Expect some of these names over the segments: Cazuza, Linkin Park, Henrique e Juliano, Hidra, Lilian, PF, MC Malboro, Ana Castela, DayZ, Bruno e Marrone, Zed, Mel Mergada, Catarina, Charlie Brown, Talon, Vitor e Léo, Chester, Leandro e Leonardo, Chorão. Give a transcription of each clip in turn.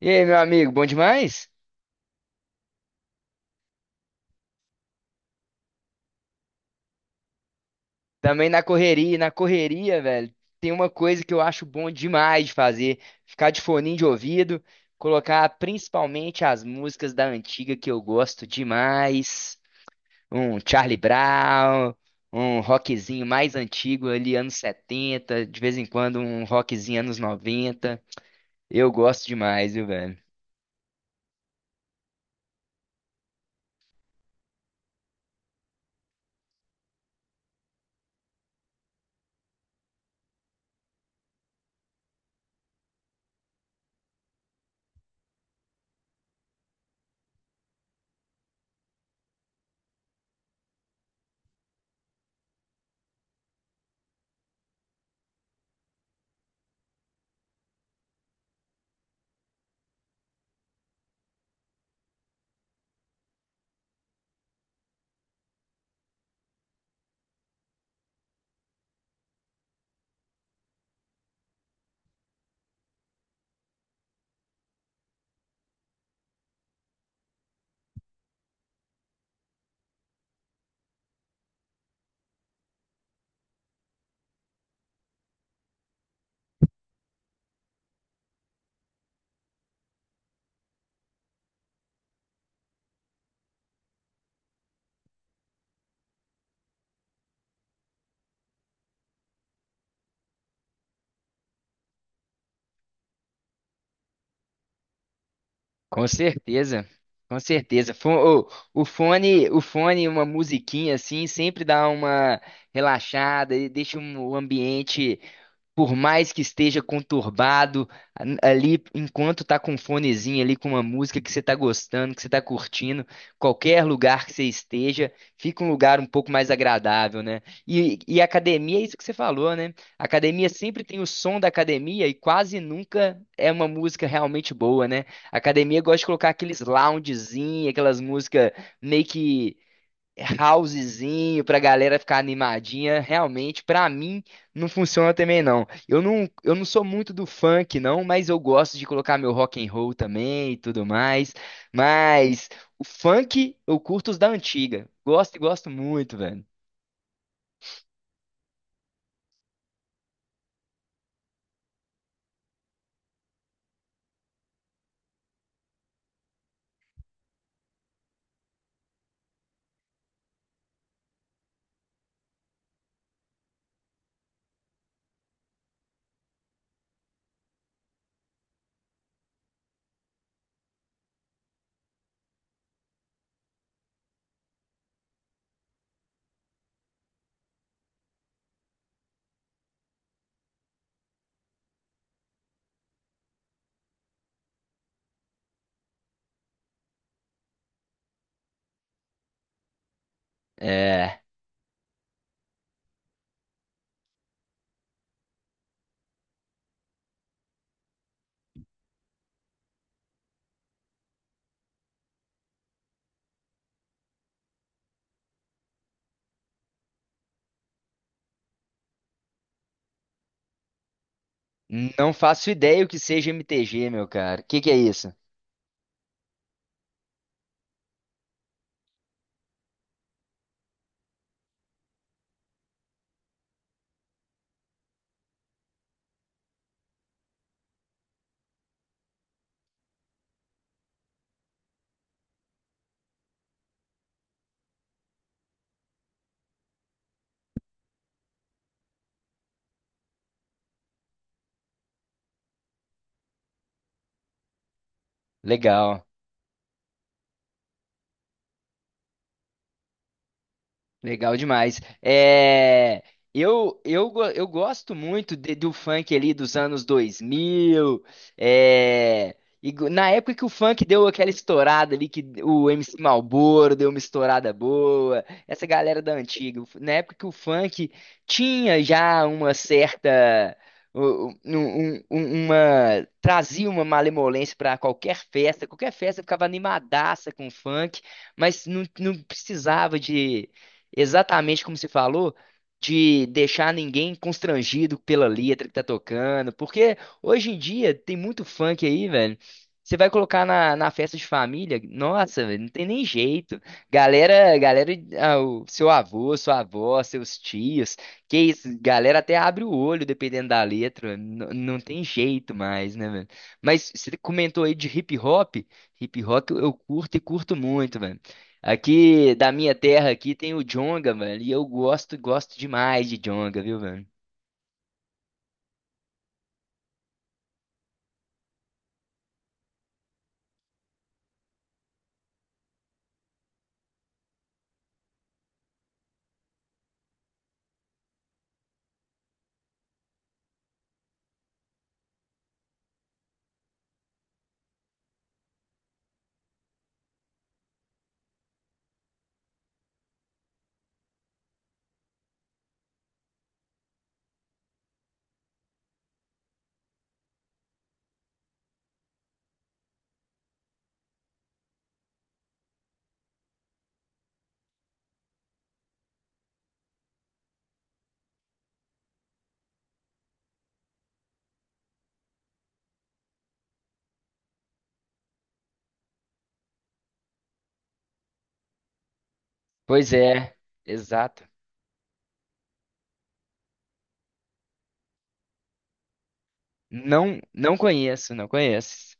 E aí, meu amigo, bom demais? Também na correria, velho. Tem uma coisa que eu acho bom demais de fazer, ficar de foninho de ouvido, colocar principalmente as músicas da antiga que eu gosto demais, um Charlie Brown, um rockzinho mais antigo ali anos 70, de vez em quando um rockzinho anos 90. Eu gosto demais, viu, velho? Com certeza, com certeza. Ô, o fone, uma musiquinha assim, sempre dá uma relaxada e deixa o ambiente, por mais que esteja conturbado ali, enquanto tá com um fonezinho ali, com uma música que você tá gostando, que você tá curtindo, qualquer lugar que você esteja, fica um lugar um pouco mais agradável, né? E academia é isso que você falou, né? Academia sempre tem o som da academia e quase nunca é uma música realmente boa, né? Academia gosta de colocar aqueles loungezinhos, aquelas músicas meio que housezinho pra galera ficar animadinha, realmente pra mim não funciona também não. Eu não sou muito do funk não, mas eu gosto de colocar meu rock and roll também e tudo mais. Mas o funk eu curto os da antiga. Gosto e gosto muito, velho. É, não faço ideia o que seja MTG, meu cara. O que que é isso? Legal. Legal demais. É, eu gosto muito do funk ali dos anos 2000. É, e na época que o funk deu aquela estourada ali, que o MC Malboro deu uma estourada boa, essa galera da antiga. Na época que o funk tinha já uma certa. Trazia uma malemolência para qualquer festa ficava animadaça com funk, mas não precisava, exatamente como você falou, de deixar ninguém constrangido pela letra que tá tocando. Porque hoje em dia tem muito funk aí, velho. Você vai colocar na festa de família, nossa, velho, não tem nem jeito. Galera, galera, ah, o seu avô, sua avó, seus tios, que isso, galera até abre o olho dependendo da letra, não tem jeito mais, né, velho? Mas você comentou aí de hip hop eu curto e curto muito, velho. Aqui da minha terra aqui tem o jonga, mano, e eu gosto, gosto demais de jonga, viu, mano? Pois é, exato. Não conheço, não conheço.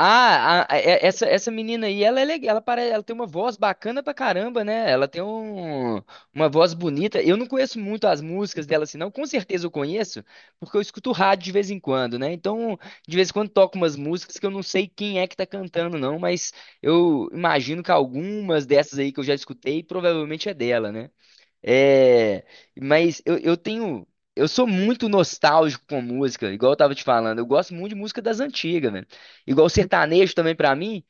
Ah, essa, essa menina aí, ela é legal, ela, ela tem uma voz bacana pra caramba, né? Uma voz bonita. Eu não conheço muito as músicas dela, assim, não. Com certeza eu conheço, porque eu escuto rádio de vez em quando, né? Então, de vez em quando toco umas músicas que eu não sei quem é que tá cantando, não, mas eu imagino que algumas dessas aí que eu já escutei provavelmente é dela, né? É, mas eu tenho. Eu sou muito nostálgico com música, igual eu tava te falando. Eu gosto muito de música das antigas, velho. Igual sertanejo também pra mim.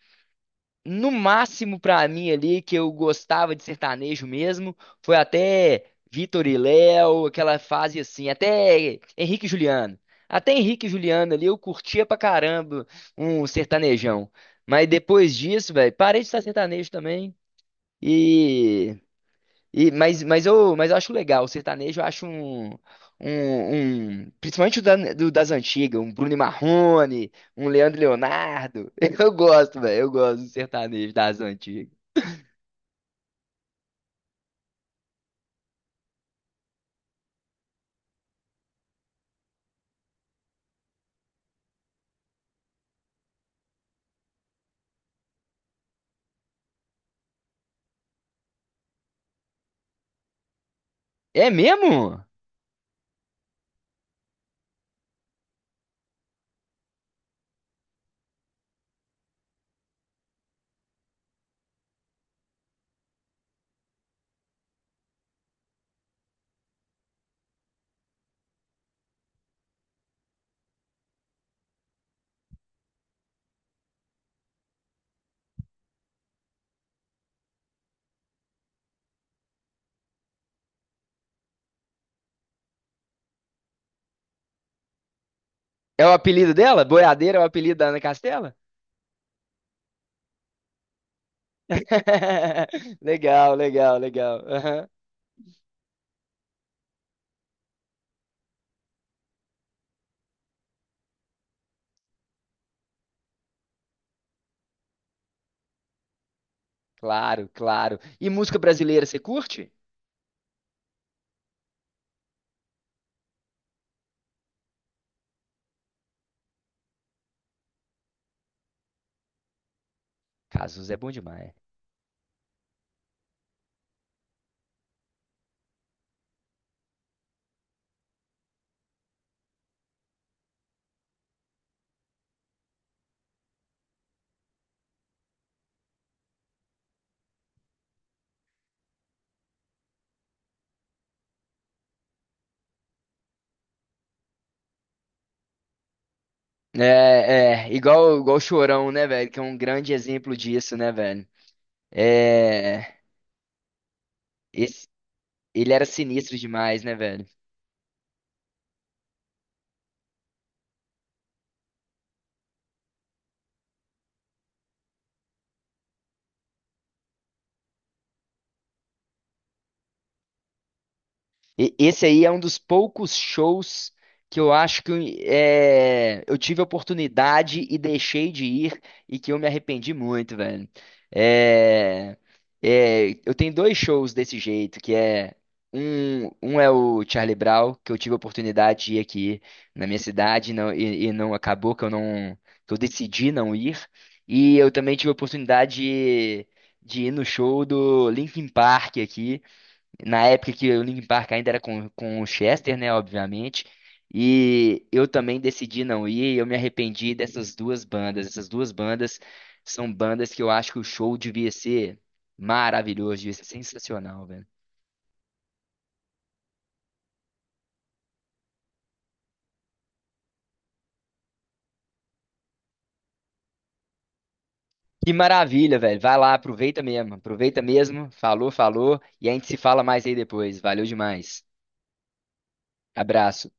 No máximo pra mim ali, que eu gostava de sertanejo mesmo, foi até Vitor e Léo, aquela fase assim, até Henrique e Juliano. Até Henrique e Juliano ali eu curtia pra caramba um sertanejão. Mas depois disso, velho, parei de estar sertanejo também. E. E, mas eu acho legal, o sertanejo eu acho principalmente o das antigas, um Bruno e Marrone, um Leandro e Leonardo. Eu gosto, velho, eu gosto do sertanejo das antigas. É mesmo? É o apelido dela? Boiadeira é o apelido da Ana Castela? Legal, legal, legal. Aham. Claro, claro. E música brasileira, você curte? Cazuza é bom demais. É, é, igual, igual o Chorão, né, velho? Que é um grande exemplo disso, né, velho? É. Esse, ele era sinistro demais, né, velho? Esse aí é um dos poucos shows que eu acho que é, eu tive a oportunidade e deixei de ir e que eu me arrependi muito, velho. É, é, eu tenho dois shows desse jeito, que é um, um é o Charlie Brown, que eu tive a oportunidade de ir aqui na minha cidade e não, e não acabou que eu não que eu decidi não ir. E eu também tive a oportunidade de ir no show do Linkin Park aqui. Na época que o Linkin Park ainda era com o Chester, né, obviamente. E eu também decidi não ir, e eu me arrependi dessas duas bandas. Essas duas bandas são bandas que eu acho que o show devia ser maravilhoso, devia ser sensacional, velho. Que maravilha, velho. Vai lá, aproveita mesmo. Aproveita mesmo. Falou, falou. E a gente se fala mais aí depois. Valeu demais. Abraço.